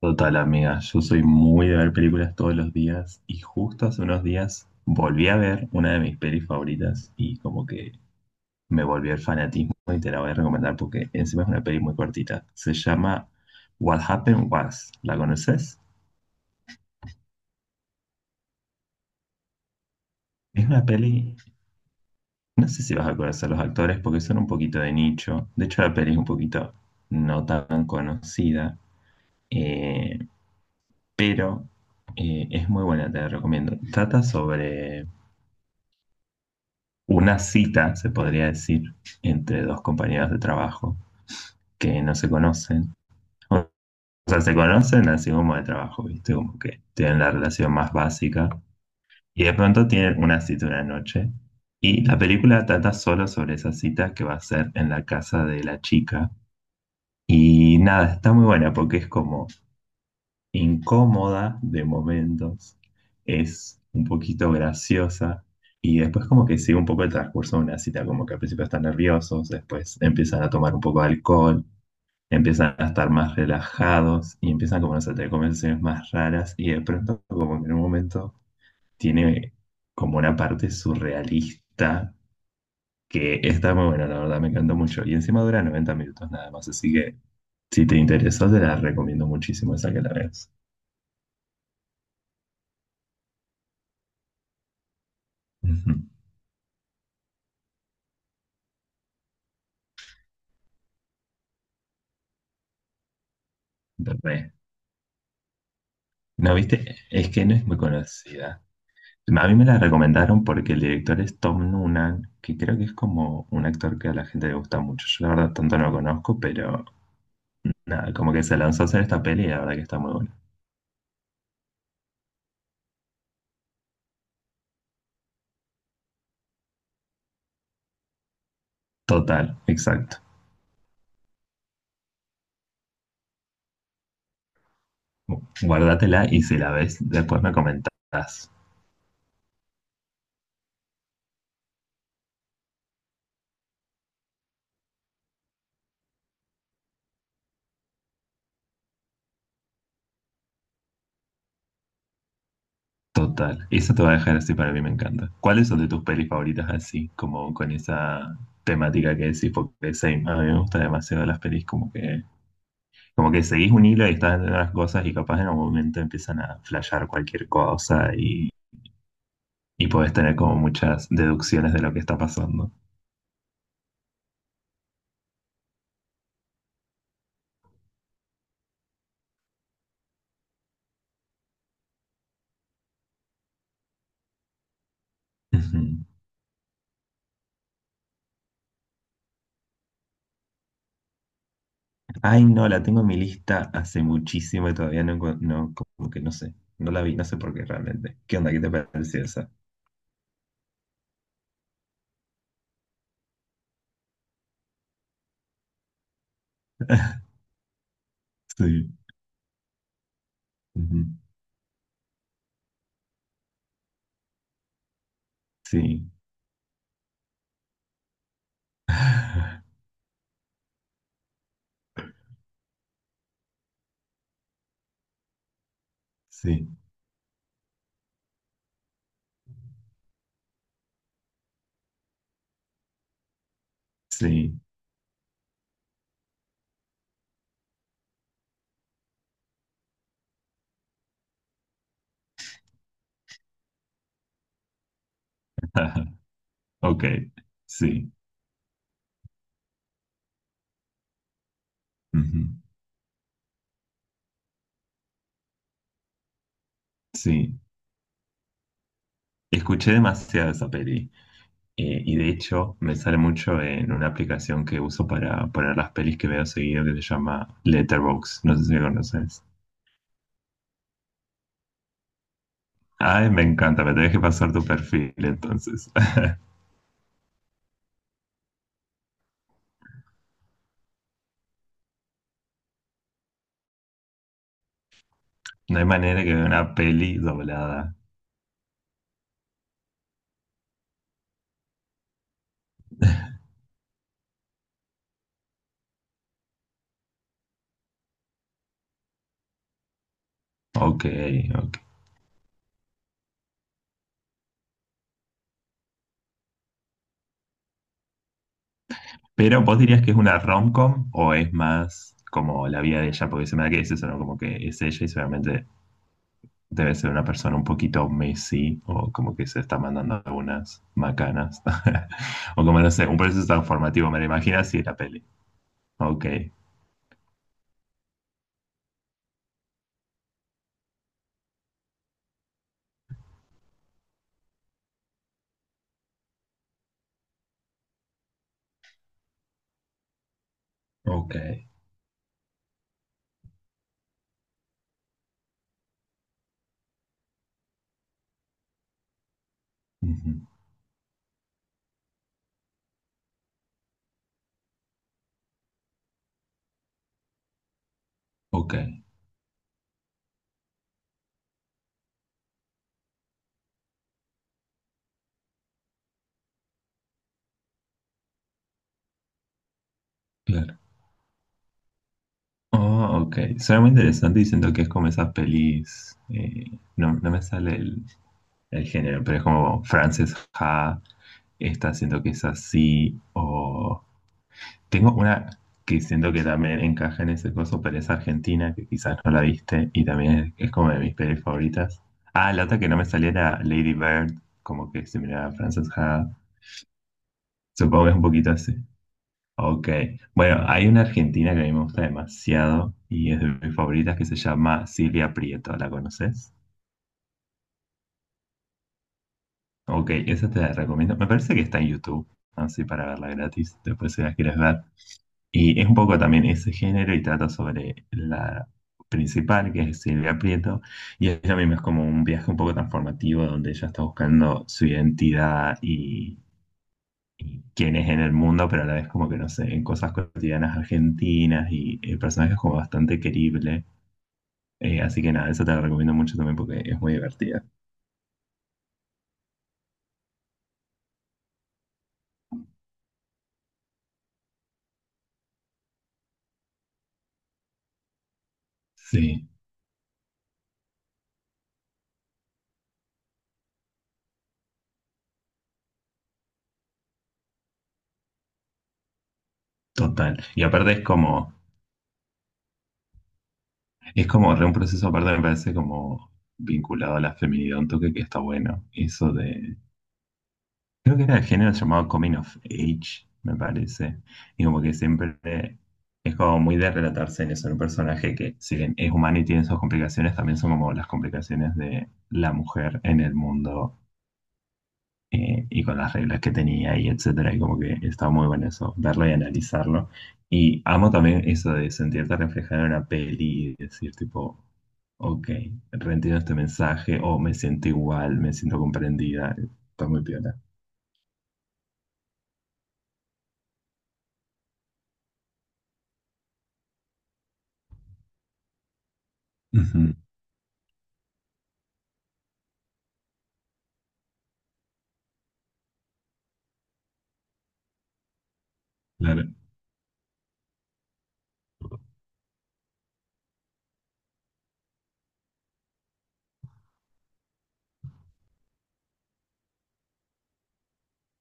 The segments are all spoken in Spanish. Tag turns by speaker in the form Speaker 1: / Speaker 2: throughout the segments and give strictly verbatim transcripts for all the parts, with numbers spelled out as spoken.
Speaker 1: Total, amiga, yo soy muy de ver películas todos los días y justo hace unos días volví a ver una de mis pelis favoritas y como que me volvió el fanatismo y te la voy a recomendar porque encima es una peli muy cortita. Se llama What Happened Was. ¿La conoces? Es una peli, no sé si vas a conocer los actores porque son un poquito de nicho. De hecho, la peli es un poquito no tan conocida, eh, pero eh, es muy buena, te la recomiendo. Trata sobre una cita, se podría decir, entre dos compañeros de trabajo que no se conocen. O sea, se conocen así como de trabajo, ¿viste? Como que tienen la relación más básica. Y de pronto tienen una cita una noche. Y la película trata solo sobre esa cita que va a ser en la casa de la chica. Y nada, está muy buena porque es como incómoda de momentos, es un poquito graciosa y después como que sigue un poco el transcurso de una cita, como que al principio están nerviosos, después empiezan a tomar un poco de alcohol, empiezan a estar más relajados y empiezan como no sé, a tener conversaciones más raras y de pronto como que en un momento tiene como una parte surrealista que está muy buena, la verdad me encantó mucho y encima dura noventa minutos nada más, así que si te interesó te la recomiendo muchísimo esa que la veas. Ujú. Re. No, viste, es que no es muy conocida. No, a mí me la recomendaron porque el director es Tom Noonan, que creo que es como un actor que a la gente le gusta mucho. Yo la verdad tanto no lo conozco, pero nada, como que se lanzó a hacer esta peli y la verdad que está muy buena. Total, exacto. Gu- Guárdatela y si la ves, después me comentás. Total. Eso te va a dejar así, para mí, me encanta. ¿Cuáles son de tus pelis favoritas así, como con esa temática que decís? Porque same, a mí me gustan demasiado las pelis como que como que seguís un hilo y estás haciendo las cosas y capaz en algún momento empiezan a flashear cualquier cosa y, y podés tener como muchas deducciones de lo que está pasando. Ujú. Ay, no, la tengo en mi lista hace muchísimo y todavía no, encu- no, como que no sé, no la vi, no sé por qué realmente. ¿Qué onda? ¿Qué te pareció esa? Sí, ujú, sí, sí, sí, ok, sí, ujú, sí. Escuché demasiado esa peli. Eh, y de hecho me sale mucho en una aplicación que uso para poner las pelis que veo seguido que se llama Letterboxd. No sé si la conoces. Ay, me encanta, me tenés que pasar tu perfil entonces. No hay manera que vea una peli doblada. Ok, ok. Pero vos dirías que es una rom-com o es más como la vida de ella, porque se me da que es eso, ¿no? Como que es ella y seguramente debe ser una persona un poquito Messi o como que se está mandando algunas macanas. O como no sé, un proceso transformativo, me lo imagino así la peli. Ok, ok, ujú, ok, claro. Oh, ok, suena muy interesante y siento que es como esas pelis, eh, no, no me sale el, el género, pero es como Frances Ha, esta siento que es así. Tengo una que siento que también encaja en ese coso, pero es argentina, que quizás no la viste, y también es, es como de mis pelis favoritas. Ah, la otra que no me salía era Lady Bird, como que se miraba a Frances Ha. Supongo que es un poquito así. Ok. Bueno, hay una argentina que a mí me gusta demasiado y es de mis favoritas que se llama Silvia Prieto. ¿La conoces? Ok, esa te la recomiendo. Me parece que está en YouTube, así para verla gratis, después si la quieres ver. Y es un poco también ese género y trata sobre la principal, que es Silvia Prieto, y ella misma es como un viaje un poco transformativo donde ella está buscando su identidad y, y quién es en el mundo, pero a la vez como que no sé, en cosas cotidianas argentinas y el personaje es como bastante querible. Eh, así que nada, eso te lo recomiendo mucho también porque es muy divertida. Sí, total. Y aparte es como, es como re un proceso, aparte me parece como vinculado a la feminidad, un toque que está bueno. Eso de creo que era el género llamado Coming of Age, me parece. Y como que siempre es como muy de relatarse en eso, en un personaje que, si bien es humano y tiene sus complicaciones, también son como las complicaciones de la mujer en el mundo, eh, y con las reglas que tenía y etcétera. Y como que está muy bueno eso, verlo y analizarlo. Y amo también eso de sentirte reflejado en una peli y decir, tipo, ok, reentiendo este mensaje o me siento igual, me siento comprendida. Está muy piola. Ujú, claro.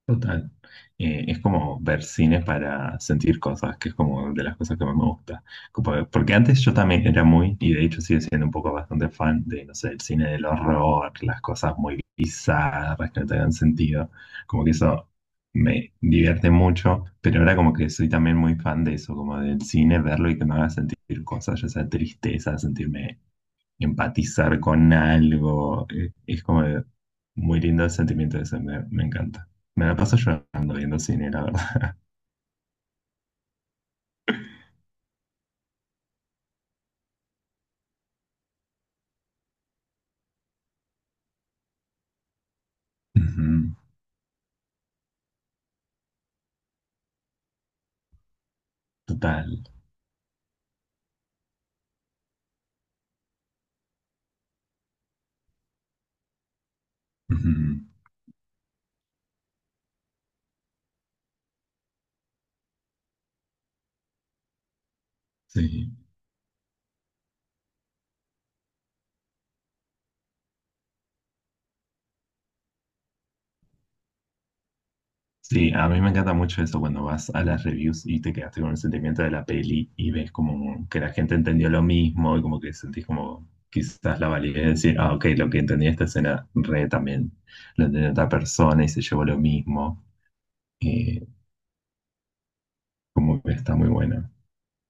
Speaker 1: Total. Eh, es como ver cine para sentir cosas, que es como de las cosas que más me gusta. Como- Porque antes yo también era muy, y de hecho sigo siendo un poco bastante fan de, no sé, el cine del horror, las cosas muy bizarras que no tengan sentido. Como que eso me divierte mucho, pero ahora como que soy también muy fan de eso, como del cine, verlo y que me haga sentir cosas, ya sea tristeza, sentirme empatizar con algo. eh, Es como de- muy lindo el sentimiento de eso, me, me encanta. Me la paso llorando viendo cine, la verdad. Ujú, total. Ujú, sí. Sí, a mí me encanta mucho eso cuando vas a las reviews y te quedaste con el sentimiento de la peli y ves como que la gente entendió lo mismo y como que sentís como quizás la validez de decir, ah, ok, lo que entendí de esta escena re también lo entendió otra persona y se llevó lo mismo. Eh, Como que está muy buena.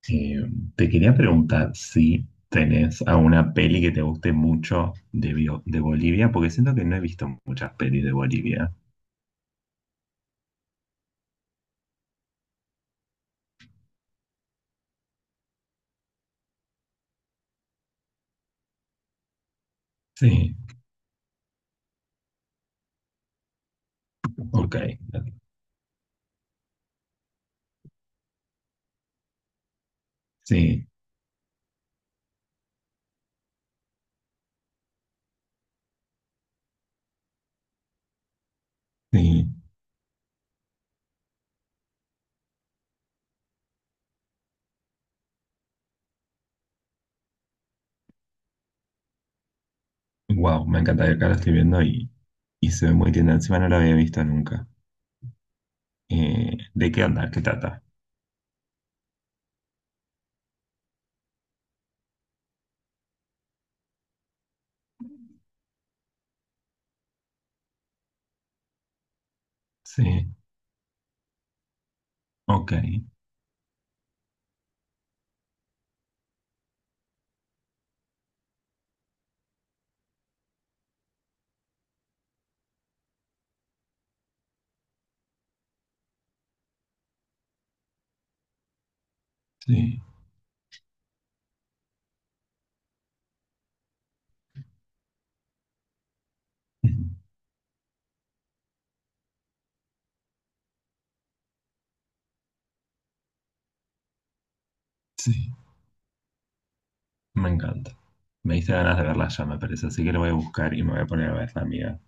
Speaker 1: Eh, Te quería preguntar si tenés alguna peli que te guste mucho de, Bio- de Bolivia, porque siento que no he visto muchas pelis de Bolivia. Sí, ok. Sí, sí. Wow, me encanta. Acá la estoy viendo y, y se ve muy linda. Encima no la había visto nunca. Eh, ¿de qué onda? ¿Qué trata? Sí, ok. Sí, ujú, sí. Me encanta. Me diste ganas de verla ya, me parece. Así que lo voy a buscar y me voy a poner a verla, amiga.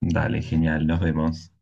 Speaker 1: Dale, genial. Nos vemos.